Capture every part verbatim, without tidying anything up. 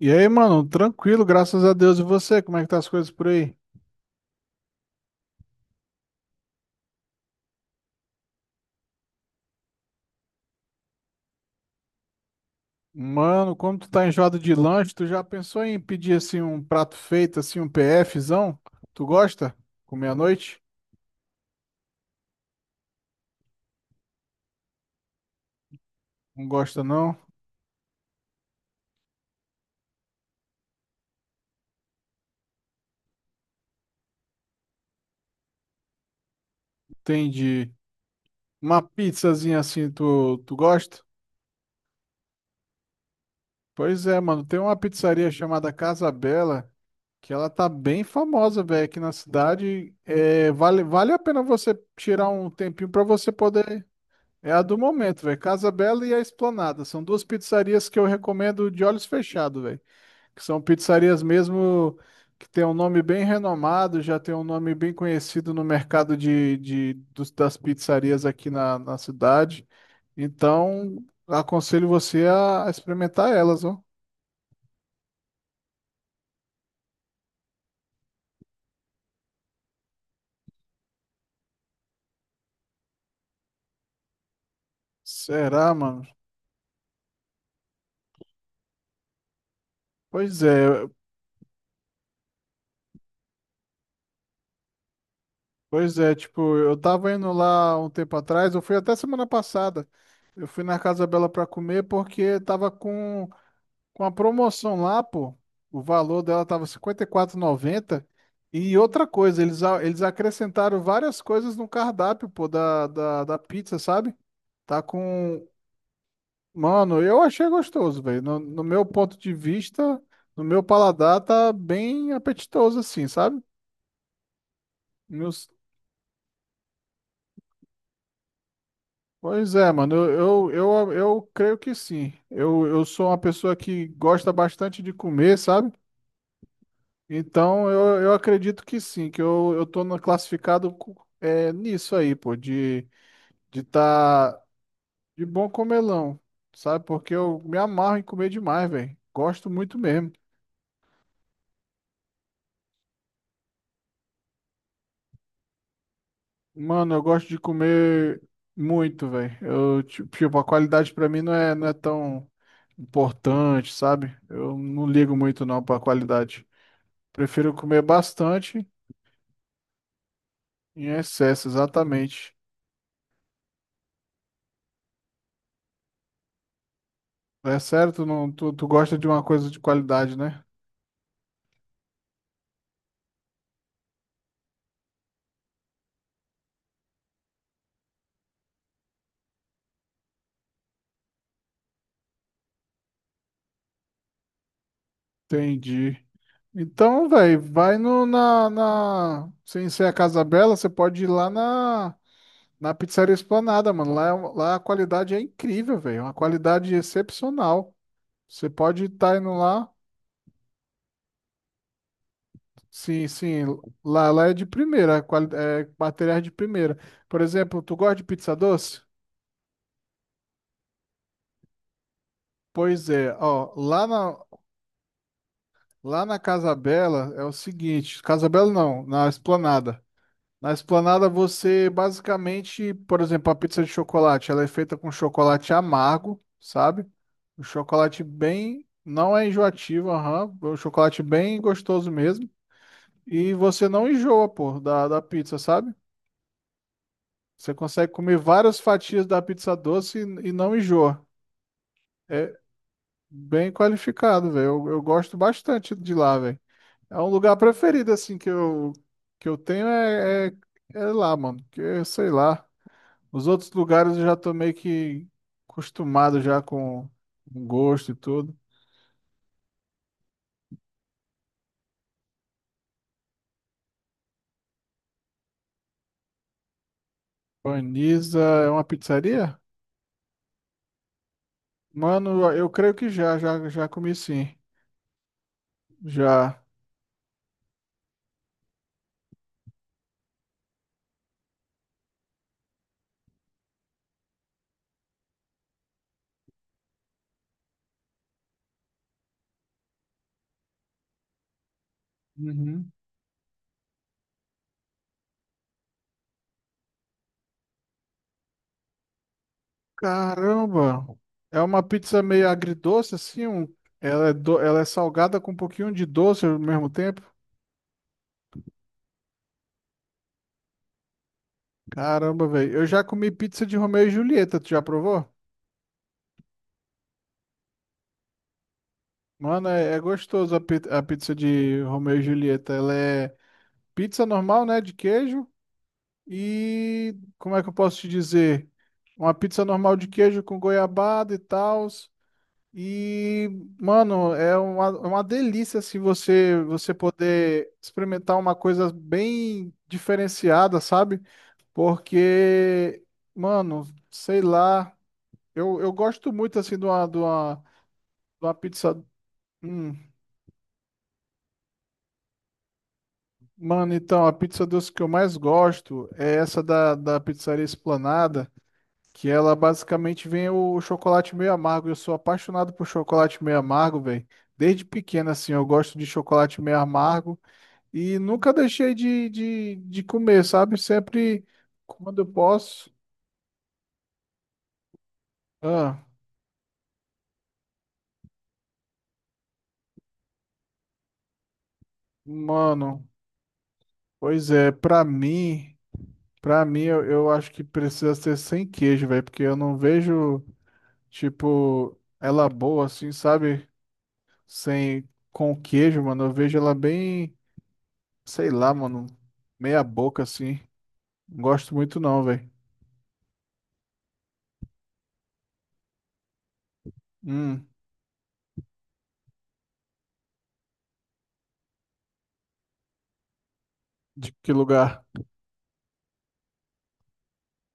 E aí, mano, tranquilo, graças a Deus. E você, como é que tá as coisas por aí? Mano, como tu tá enjoado de lanche, tu já pensou em pedir assim um prato feito, assim, um PFzão? Tu gosta? Comer à noite? Não gosta, não? Entendi. Uma pizzazinha assim, tu, tu gosta? Pois é, mano, tem uma pizzaria chamada Casa Bela, que ela tá bem famosa, velho, aqui na cidade. É, vale, vale a pena você tirar um tempinho pra você poder. É a do momento, velho. Casa Bela e a Esplanada. São duas pizzarias que eu recomendo de olhos fechados, velho. Que são pizzarias mesmo que tem um nome bem renomado, já tem um nome bem conhecido no mercado de, de- dos- das pizzarias aqui na, na cidade. Então, aconselho você a, a experimentar elas, ó. Será, mano? Pois é, pois é. Tipo, eu tava indo lá um tempo atrás, eu fui até semana passada. Eu fui na Casa Bela pra comer porque tava com. Com a promoção lá, pô, o valor dela tava cinquenta e quatro e noventa. E quatro e noventa. E outra coisa, eles, a- eles acrescentaram várias coisas no cardápio, pô, da, da, da pizza, sabe? Tá com. Mano, eu achei gostoso, velho. No, no meu ponto de vista, no meu paladar, tá bem apetitoso, assim, sabe? Meus- Pois é, mano, eu, eu, eu, eu creio que sim. Eu, eu sou uma pessoa que gosta bastante de comer, sabe? Então, eu, eu acredito que sim, que eu, eu tô na- classificado co- é, nisso aí, pô, de de tá de bom comelão, sabe? Porque eu me amarro em comer demais, velho. Gosto muito mesmo. Mano, eu gosto de comer muito, velho. Eu, ti- tipo, a qualidade pra mim não é, não é tão importante, sabe? Eu não ligo muito não pra qualidade. Prefiro comer bastante em excesso, exatamente. É certo? Não, tu, tu gosta de uma coisa de qualidade, né? Entendi. Então, velho, vai no, na, na. Sem ser a Casa Bela, você pode ir lá na, na Pizzaria Esplanada, mano. Lá, é um- lá a qualidade é incrível, velho. É uma qualidade excepcional. Você pode estar indo lá. Sim, sim. Lá, lá é de primeira. quali- É, materiais de primeira. Por exemplo, tu gosta de pizza doce? Pois é, ó. Lá na, lá na Casa Bela é o seguinte: Casa Bela não, na Esplanada. Na Esplanada você basicamente, por exemplo, a pizza de chocolate, ela é feita com chocolate amargo, sabe? Um chocolate bem, não é enjoativo, aham, é um chocolate bem gostoso mesmo. E você não enjoa, pô, da, da pizza, sabe? Você consegue comer várias fatias da pizza doce e, e não enjoa. É bem qualificado, velho. Eu, eu gosto bastante de lá, velho. É um lugar preferido, assim, que eu, que eu tenho é, é, é lá, mano. Que, é, sei lá. Os outros lugares eu já tô meio que acostumado já com o gosto e tudo. Paniza é uma pizzaria? Mano, eu creio que já, já, já comi, sim. Já. Uhum. Caramba! É uma pizza meio agridoce, assim. Um... Ela é do... Ela é salgada com um pouquinho de doce ao mesmo tempo. Caramba, velho. Eu já comi pizza de Romeu e Julieta. Tu já provou? Mano, é, é gostoso a, pi- a pizza de Romeu e Julieta. Ela é pizza normal, né? De queijo. E como é que eu posso te dizer? Uma pizza normal de queijo com goiabada e tal. E, mano, é uma, é uma delícia assim, você você poder experimentar uma coisa bem diferenciada, sabe? Porque, mano, sei lá, eu, eu gosto muito assim de uma, de uma, de uma pizza. Hum, mano, então, a pizza doce que eu mais gosto é essa da, da pizzaria Esplanada. Que ela basicamente vem o chocolate meio amargo. Eu sou apaixonado por chocolate meio amargo, velho. Desde pequeno, assim, eu gosto de chocolate meio amargo e nunca deixei de, de, de comer, sabe? Sempre quando eu posso. Ah, mano, pois é, pra mim, pra mim eu, eu acho que precisa ser sem queijo, velho, porque eu não vejo, tipo, ela boa, assim, sabe? Sem, com queijo, mano. Eu vejo ela bem, sei lá, mano, meia boca, assim. Gosto muito não, velho. Hum, de que lugar?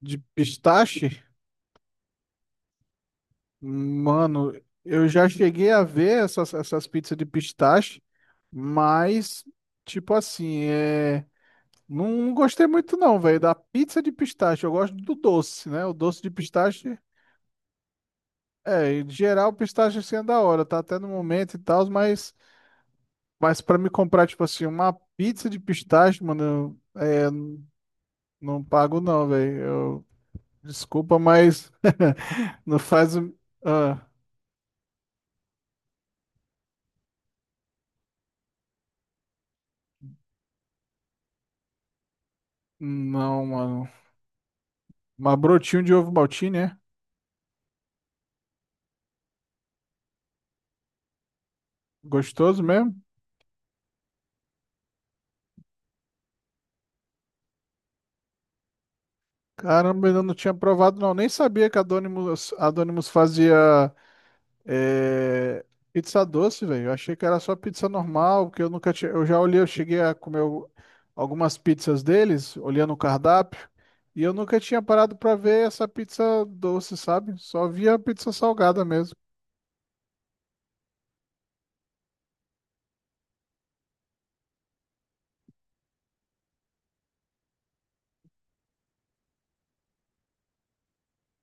De pistache? Mano, eu já cheguei a ver essas, essas pizzas de pistache, mas, tipo assim, é... Não, gostei muito não, velho, da pizza de pistache. Eu gosto do doce, né? O doce de pistache, é, em geral, pistache assim é da hora, tá até no momento e tal, mas, mas para me comprar, tipo assim, uma pizza de pistache, mano, eu- é, não pago não, velho. Desculpa, mas não faz. o- Ah, não, mano. Mas brotinho de ovo maltine, é? Gostoso mesmo? Caramba, ainda não tinha provado, não. Nem sabia que a Donimo's, a Donimo's fazia eh, pizza doce, velho. Eu achei que era só pizza normal, porque eu nunca tinha. Eu já olhei, eu cheguei a comer o- algumas pizzas deles, olhando o cardápio, e eu nunca tinha parado pra ver essa pizza doce, sabe? Só via a pizza salgada mesmo.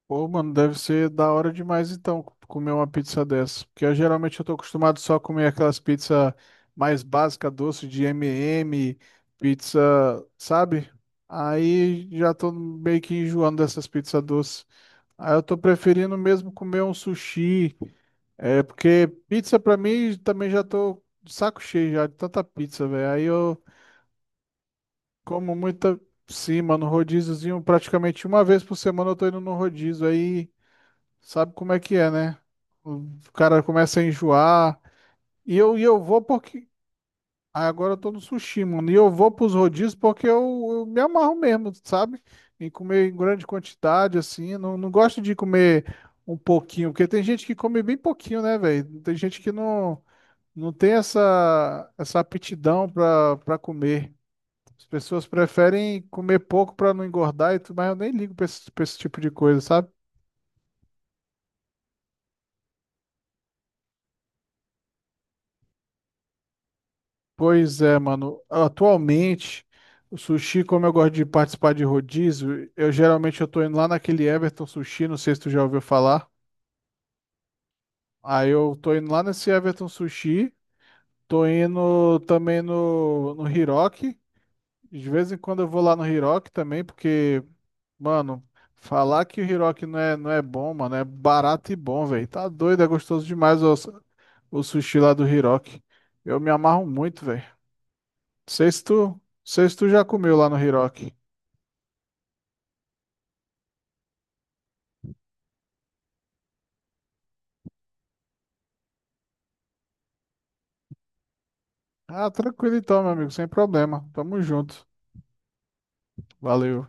Pô, mano, deve ser da hora demais então co- comer uma pizza dessa. Porque eu, geralmente eu tô acostumado só a comer aquelas pizzas mais básicas, doce de M and M, pizza, sabe? Aí já tô meio que enjoando dessas pizzas doces. Aí eu tô preferindo mesmo comer um sushi. É, porque pizza pra mim também já tô de saco cheio já de tanta pizza, velho. Aí eu como muita. Sim, mano, rodíziozinho, praticamente uma vez por semana eu tô indo no rodízio. Aí. Sabe como é que é, né? O cara começa a enjoar. E eu, e eu vou porque. Ah, agora eu tô no sushi, mano. E eu vou pros rodízios porque eu, eu me amarro mesmo, sabe? Em comer em grande quantidade, assim. Não, não gosto de comer um pouquinho, porque tem gente que come bem pouquinho, né, velho? Tem gente que não, não tem essa, essa aptidão pra, pra comer. As pessoas preferem comer pouco pra não engordar, e tudo, mas eu nem ligo pra esse, pra esse tipo de coisa, sabe? Pois é, mano. Atualmente, o sushi, como eu gosto de participar de rodízio, eu geralmente eu tô indo lá naquele Everton Sushi, não sei se tu já ouviu falar. Aí eu tô indo lá nesse Everton Sushi, tô indo também no, no Hiroki. De vez em quando eu vou lá no Hiroki também, porque, mano, falar que o Hiroki não é, não é bom, mano, é barato e bom, velho. Tá doido, é gostoso demais o, o sushi lá do Hiroki. Eu me amarro muito, velho. Sei se tu, sei se tu já comeu lá no Hiroki. Ah, tranquilo então, meu amigo, sem problema. Tamo junto. Valeu.